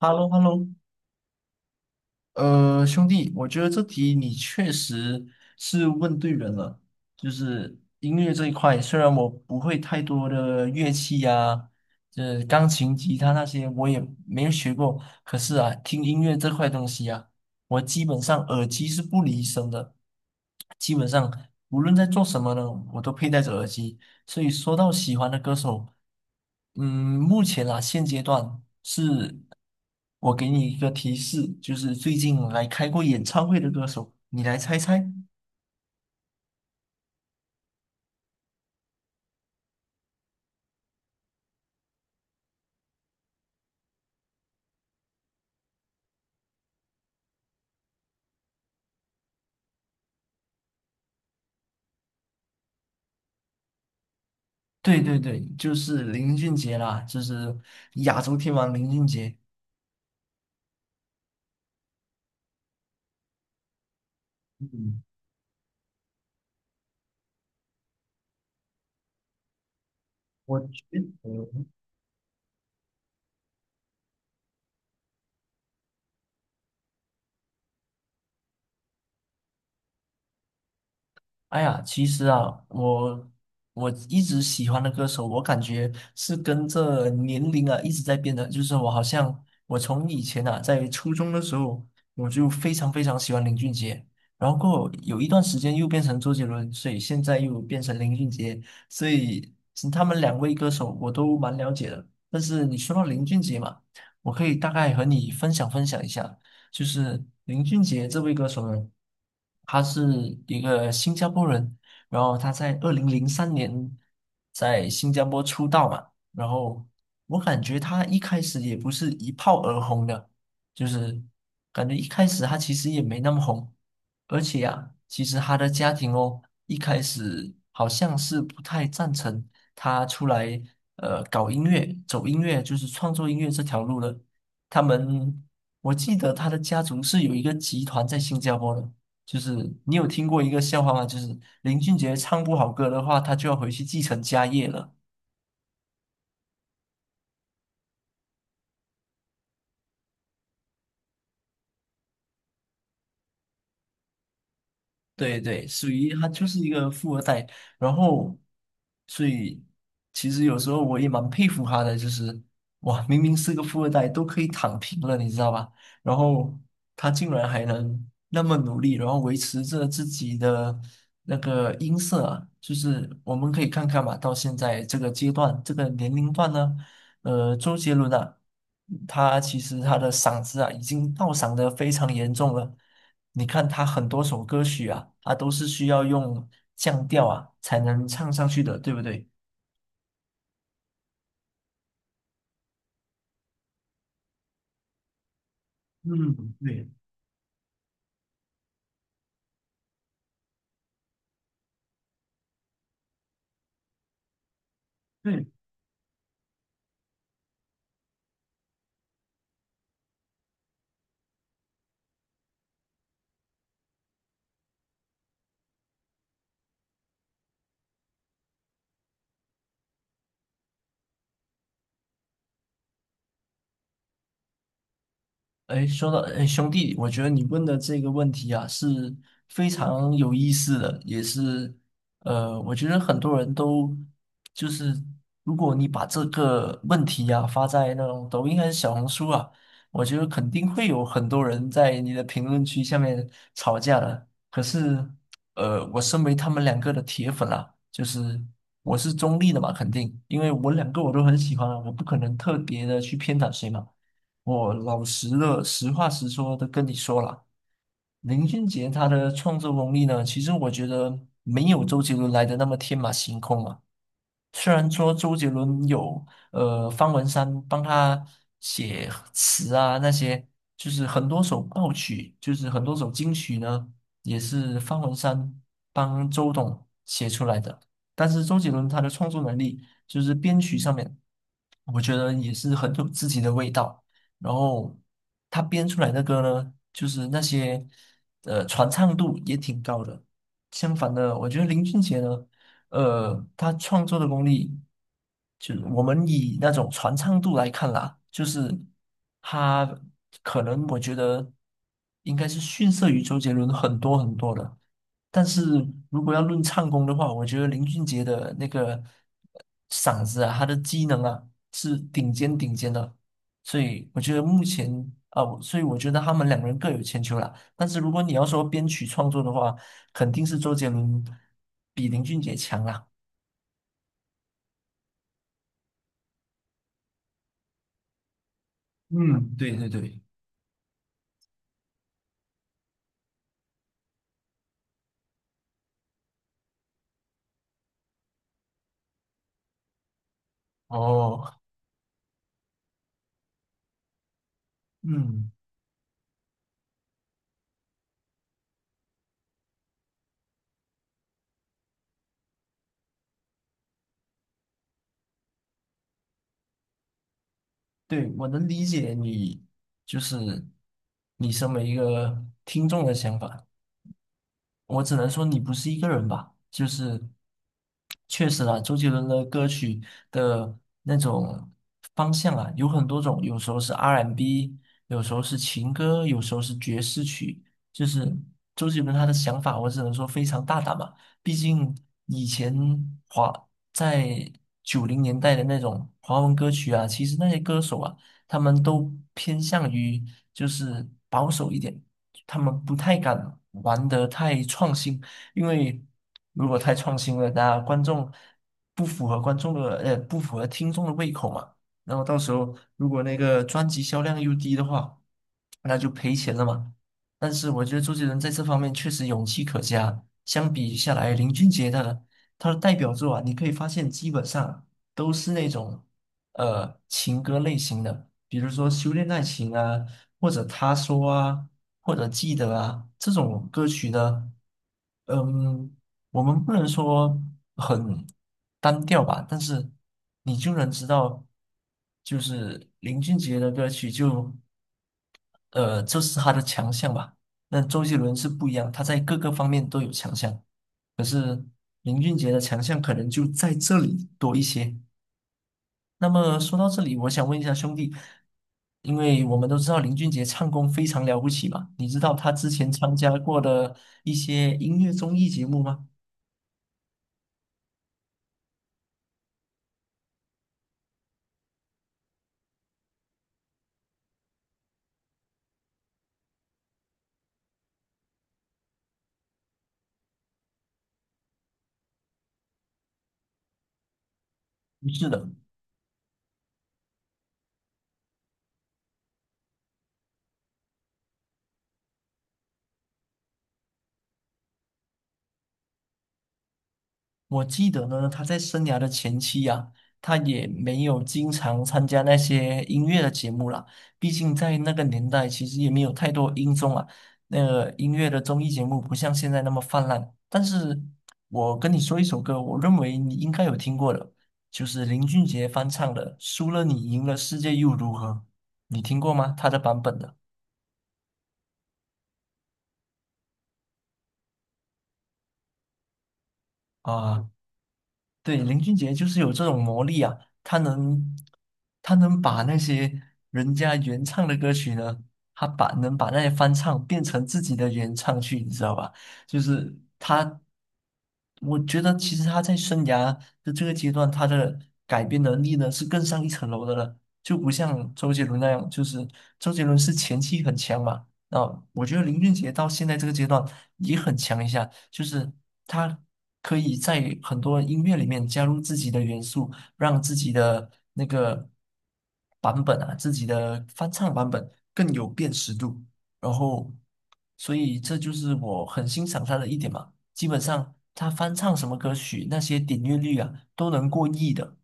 h e l l o 兄弟，我觉得这题你确实是问对人了。就是音乐这一块，虽然我不会太多的乐器呀、这钢琴、吉他那些我也没有学过，可是啊，听音乐这块东西啊，我基本上耳机是不离身的，基本上无论在做什么呢，我都佩戴着耳机。所以说到喜欢的歌手，嗯，目前啦，现阶段是我给你一个提示，就是最近来开过演唱会的歌手，你来猜猜。对对对，就是林俊杰啦，就是亚洲天王林俊杰。嗯，我觉得。哎呀，其实啊，我一直喜欢的歌手，我感觉是跟这年龄啊一直在变的。就是我好像我从以前啊，在初中的时候，我就非常非常喜欢林俊杰，然后过后有一段时间又变成周杰伦，所以现在又变成林俊杰，所以其他们两位歌手我都蛮了解的。但是你说到林俊杰嘛，我可以大概和你分享分享一下。就是林俊杰这位歌手呢，他是一个新加坡人，然后他在2003年在新加坡出道嘛，然后我感觉他一开始也不是一炮而红的，就是感觉一开始他其实也没那么红，而且呀、其实他的家庭哦，一开始好像是不太赞成他出来搞音乐、走音乐，就是创作音乐这条路的。他们我记得他的家族是有一个集团在新加坡的，就是你有听过一个笑话吗？就是林俊杰唱不好歌的话，他就要回去继承家业了。对对，属于他就是一个富二代，然后，所以其实有时候我也蛮佩服他的，就是哇，明明是个富二代，都可以躺平了，你知道吧？然后他竟然还能那么努力，然后维持着自己的那个音色啊就是我们可以看看嘛，到现在这个阶段，这个年龄段呢。周杰伦啊，他其实他的嗓子啊已经倒嗓的非常严重了。你看他很多首歌曲啊，他都是需要用降调啊才能唱上去的，对不对？嗯，对对，哎，说到哎，兄弟，我觉得你问的这个问题啊是非常有意思的，也是我觉得很多人都就是，如果你把这个问题啊发在那种抖音还是小红书啊，我觉得肯定会有很多人在你的评论区下面吵架的。可是我身为他们两个的铁粉啊，就是我是中立的嘛，肯定，因为我两个我都很喜欢啊，我不可能特别的去偏袒谁嘛。我老实的，实话实说的跟你说了，林俊杰他的创作功力呢，其实我觉得没有周杰伦来的那么天马行空啊。虽然说周杰伦有方文山帮他写词啊那些，就是很多首爆曲，就是很多首金曲呢，也是方文山帮周董写出来的。但是周杰伦他的创作能力，就是编曲上面，我觉得也是很有自己的味道。然后他编出来的歌呢，就是那些传唱度也挺高的。相反的，我觉得林俊杰呢。他创作的功力，就是我们以那种传唱度来看啦，就是他可能我觉得应该是逊色于周杰伦很多很多的。但是如果要论唱功的话，我觉得林俊杰的那个嗓子啊，他的机能啊是顶尖顶尖的，所以我觉得目前啊，所以我觉得他们两个人各有千秋啦。但是如果你要说编曲创作的话，肯定是周杰伦比林俊杰强啦。嗯，对对对，哦，嗯，对，我能理解你，就是你身为一个听众的想法。我只能说你不是一个人吧，就是确实啦。周杰伦的歌曲的那种方向啊，有很多种，有时候是 R&B，有时候是情歌，有时候是爵士曲，就是周杰伦他的想法，我只能说非常大胆嘛，毕竟以前华在90年代的那种华文歌曲啊，其实那些歌手啊，他们都偏向于就是保守一点。他们不太敢玩得太创新，因为如果太创新了，那观众不符合观众的呃不符合听众的胃口嘛。然后到时候如果那个专辑销量又低的话，那就赔钱了嘛。但是我觉得周杰伦在这方面确实勇气可嘉。相比下来，林俊杰的代表作啊，你可以发现基本上都是那种情歌类型的。比如说《修炼爱情》啊，或者《他说》啊，或者《记得》啊，这种歌曲的，嗯，我们不能说很单调吧，但是你就能知道，就是林俊杰的歌曲就，这是他的强项吧。那周杰伦是不一样，他在各个方面都有强项，林俊杰的强项可能就在这里多一些。那么说到这里，我想问一下兄弟，因为我们都知道林俊杰唱功非常了不起嘛，你知道他之前参加过的一些音乐综艺节目吗？不是的，我记得呢，他在生涯的前期啊，他也没有经常参加那些音乐的节目啦。毕竟在那个年代，其实也没有太多音综啊，那个音乐的综艺节目不像现在那么泛滥。但是我跟你说一首歌，我认为你应该有听过的，就是林俊杰翻唱的《输了你赢了世界又如何》，你听过吗？他的版本的啊，对，林俊杰就是有这种魔力啊，他能，他能把那些人家原唱的歌曲呢，他能把那些翻唱变成自己的原唱去，你知道吧？就是他，我觉得其实他在生涯的这个阶段，他的改编能力呢是更上一层楼的了，就不像周杰伦那样，就是周杰伦是前期很强嘛。啊，我觉得林俊杰到现在这个阶段也很强一下，就是他可以在很多音乐里面加入自己的元素，让自己的那个版本啊，自己的翻唱版本更有辨识度。然后，所以这就是我很欣赏他的一点嘛。基本上他翻唱什么歌曲，那些点阅率啊都能过亿的。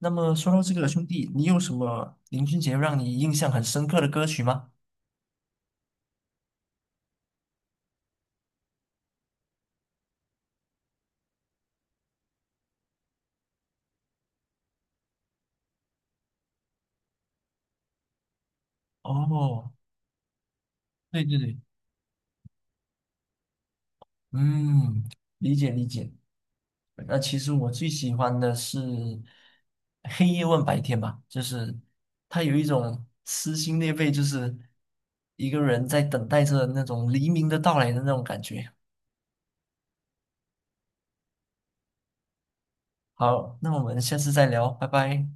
那么说到这个兄弟，你有什么林俊杰让你印象很深刻的歌曲吗？哦，对对对。嗯，理解理解。那其实我最喜欢的是黑夜问白天吧，就是它有一种撕心裂肺，就是一个人在等待着那种黎明的到来的那种感觉。好，那我们下次再聊，拜拜。